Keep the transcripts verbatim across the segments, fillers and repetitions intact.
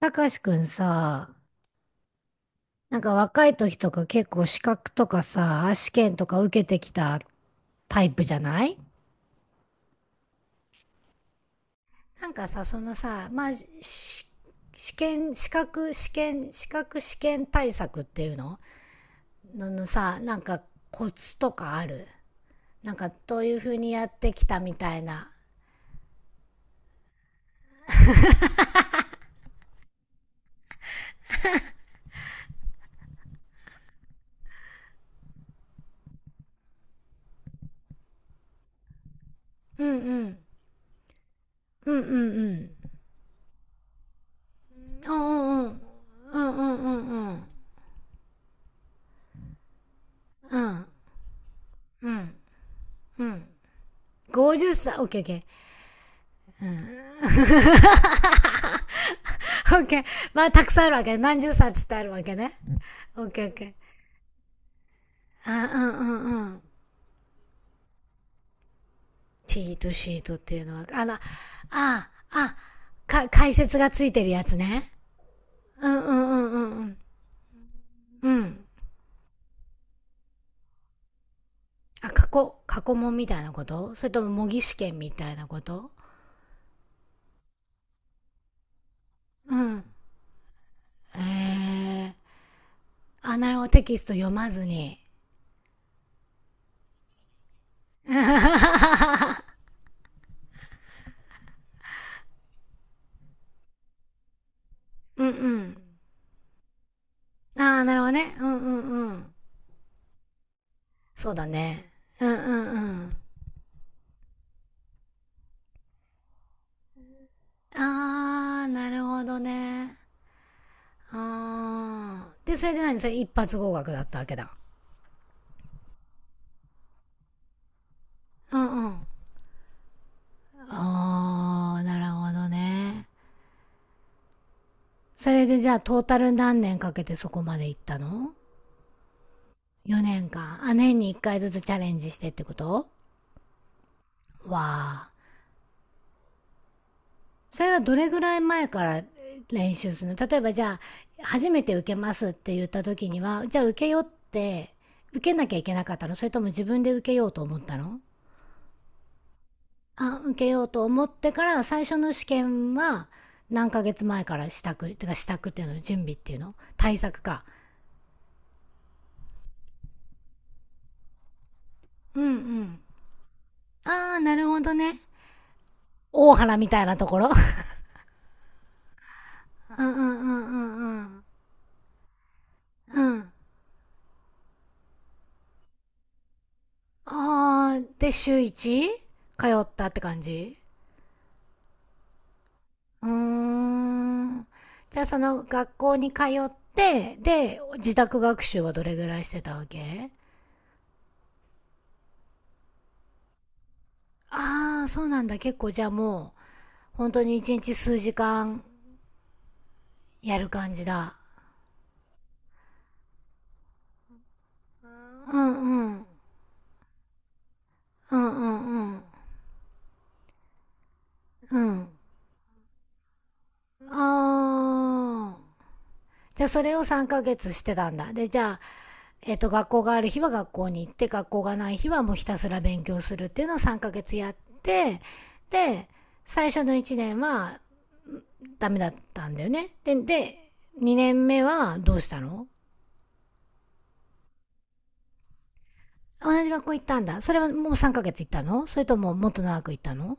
たかしくんさ、なんか若い時とか結構資格とかさ、試験とか受けてきたタイプじゃない？なんかさ、そのさ、まあ、し試験、資格試験、資格試験対策っていうのののさ、なんかコツとかある？なんかどういうふうにやってきたみたいな。うんうん。うんうんうん。うんうんうん。うんうんうんうん。うんうん。ごじゅっさい、オッケーオッケー。OK。まあ、たくさんあるわけね。何十冊ってあるわけね。OK、OK。あ、うん、うん、うん。チートシートっていうのは、あの、ああ、あ、か、解説がついてるやつね。うん、うん、うん、うん、うん。うん。あ、過去、過去問みたいなこと？それとも模擬試験みたいなこと？うん。えー。あ、なるほど。テキスト読まずに。うんうん。ああ、なるほどね。うんうんうん。そうだね。うんうんうん。あー、なるほどね。あー。で、それで何それ、一発合格だったわけだ。うんうん。あー、なるほどね。それでじゃあトータル何年かけてそこまで行ったの？ よ 年間。あ、年にいっかいずつチャレンジしてってこと？わー。それはどれぐらい前から練習するの？例えばじゃあ、初めて受けますって言った時には、じゃあ受けようって、受けなきゃいけなかったの？それとも自分で受けようと思ったの？あ、受けようと思ってから最初の試験は何ヶ月前から支度ってか、支度っていうの？準備っていうの？対策か？うんうん。ああ、なるほどね。大原みたいなところ。 うんうんうんうんうんうん。ああ、で週いち通ったって感じ？うーん。じゃあその学校に通って、で自宅学習はどれぐらいしてたわけ？ああ、そうなんだ。結構じゃあもう本当に一日数時間やる感じだ。うんうん。うんうんうん。うん。あー。じゃあそれをさんかげつしてたんだ。で、じゃあ、えっ、と、学校がある日は学校に行って、学校がない日はもうひたすら勉強するっていうのをさんかげつやって、で、最初のいちねんはダメだったんだよね。で、で、にねんめはどうしたの？同じ学校行ったんだ。それはもうさんかげつ行ったの？それとももっと長く行ったの？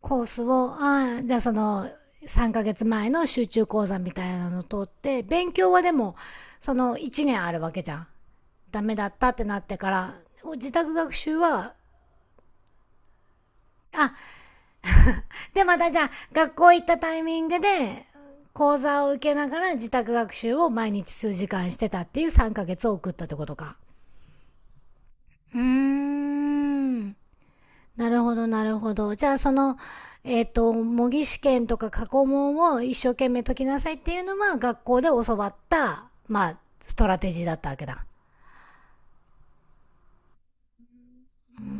コースを、ああ、じゃあそのさんかげつまえの集中講座みたいなのを取って、勉強はでもそのいちねんあるわけじゃん。ダメだったってなってから、自宅学習は、あ、でまたじゃあ学校行ったタイミングで講座を受けながら自宅学習を毎日数時間してたっていうさんかげつを送ったってことか。うーん。なるほど、なるほど。じゃあ、その、えっ、と、模擬試験とか過去問を一生懸命解きなさいっていうのは、学校で教わった、まあ、ストラテジーだったわけだ。うー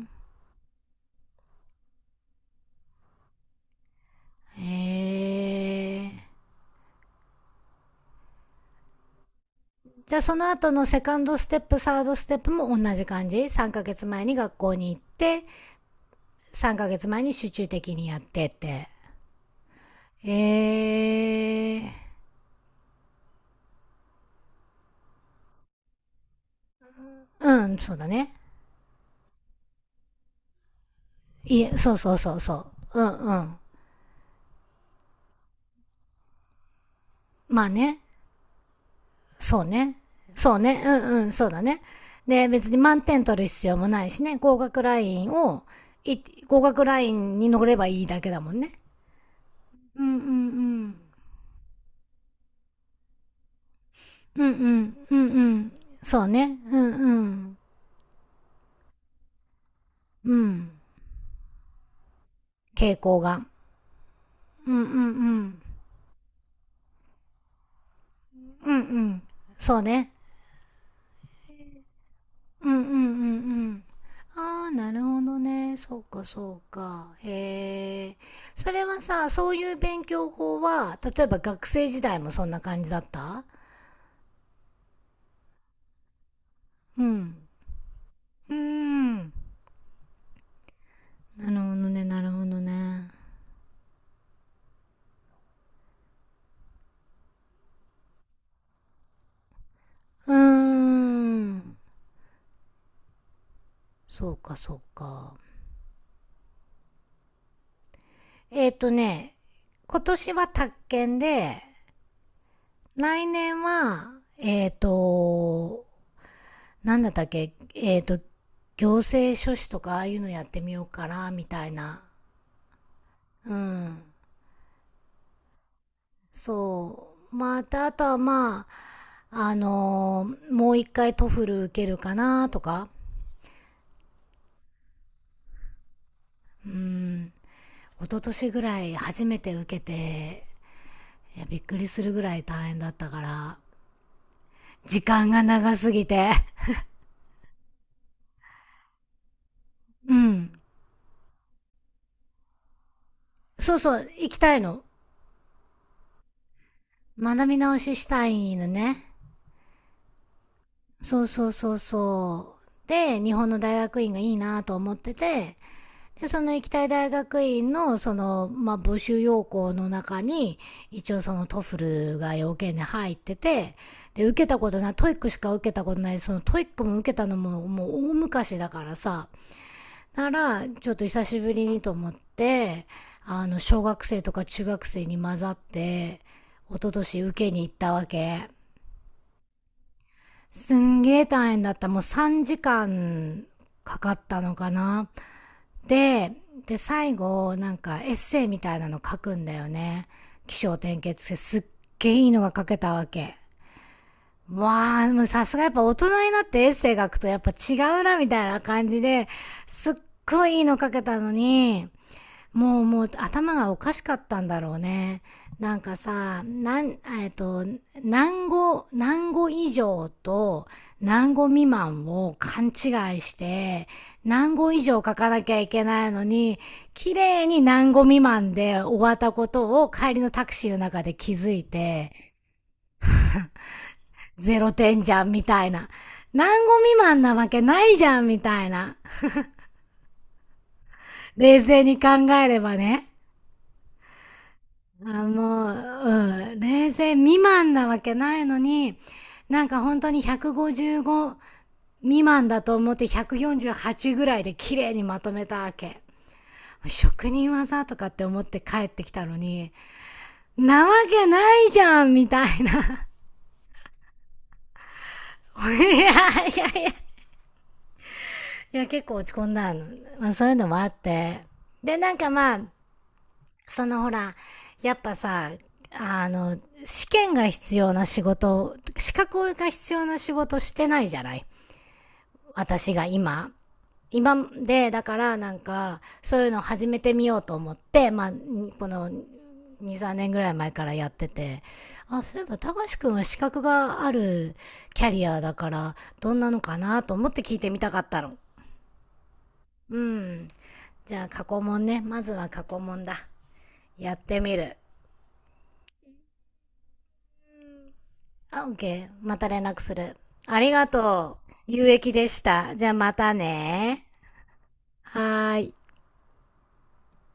ん。へえ。じゃあ、その後のセカンドステップ、サードステップも同じ感じ？ さん ヶ月前に学校に行って、さんかげつまえに集中的にやってって。ええ。うん、そうだね。いえ、そうそうそうそう。うんうん。まあね。そうね。そうね。うんうん、そうだね。で、別に満点取る必要もないしね、合格ラインを、い合格ラインに乗ればいいだけだもんね。うんうんうん。うんうん、うんうん。そうね。うんうん。うん。傾向が。うんうんうん。うんうん。そうね。うんうんうんうん。ああ、なるほどね。そうか、そうか。へえ。それはさ、そういう勉強法は、例えば学生時代もそんな感じだった？うん。うーん。なるほどね、なるほどね。うーん。そうか、そうか。えっ、ー、とね、今年は宅建で、来年は、えっ、ー、と、なんだったっけ、えっ、と、行政書士とかああいうのやってみようかな、みたいな。うん。そう。また、あとはまあ、あのーもう一回トフル受けるかな、とか。うん。一昨年ぐらい初めて受けて、いや、びっくりするぐらい大変だったから、時間が長すぎて。うん。そうそう、行きたいの。学び直ししたいのね。そうそうそうそう。で、日本の大学院がいいなと思ってて、で、その行きたい大学院の、その、まあ、募集要項の中に、一応そのトフルが要件で入ってて、で、受けたことない、トイックしか受けたことない、そのトイックも受けたのも、もう大昔だからさ、なら、ちょっと久しぶりにと思って、あの、小学生とか中学生に混ざって、一昨年受けに行ったわけ。すんげー大変だった。もうさんじかんかんかかったのかな。で、で、最後、なんかエッセイみたいなの書くんだよね。起承転結してすっげーいいのが書けたわけ。わあ、もうさすがやっぱ大人になってエッセイ書くとやっぱ違うなみたいな感じで、すっごいいいの書けたのに、もうもう頭がおかしかったんだろうね。なんかさ、なん、えっと、何語、何語以上と何語未満を勘違いして、何語以上書かなきゃいけないのに、綺麗に何語未満で終わったことを帰りのタクシーの中で気づいて、ゼロ点じゃんみたいな。何語未満なわけないじゃんみたいな。冷静に考えればね。あ、もう、うん、れいせい未満なわけないのに、なんか本当にひゃくごじゅうご未満だと思ってひゃくよんじゅうはちぐらいで綺麗にまとめたわけ。職人技とかって思って帰ってきたのに、なわけないじゃんみたいな。いやいやいや。いや、結構落ち込んだの。まあそういうのもあって。で、なんかまあ、そのほら、やっぱさ、あの、試験が必要な仕事、資格が必要な仕事してないじゃない？私が今。今で、だからなんか、そういうの始めてみようと思って、まあ、この、に、さんねんぐらい前からやってて、あ、そういえば、たかしくんは資格があるキャリアだから、どんなのかなと思って聞いてみたかったの。うん。じゃあ、過去問ね。まずは過去問だ。やってみる。あ、OK。また連絡する。ありがとう。有益でした。じゃあまたね。はーい。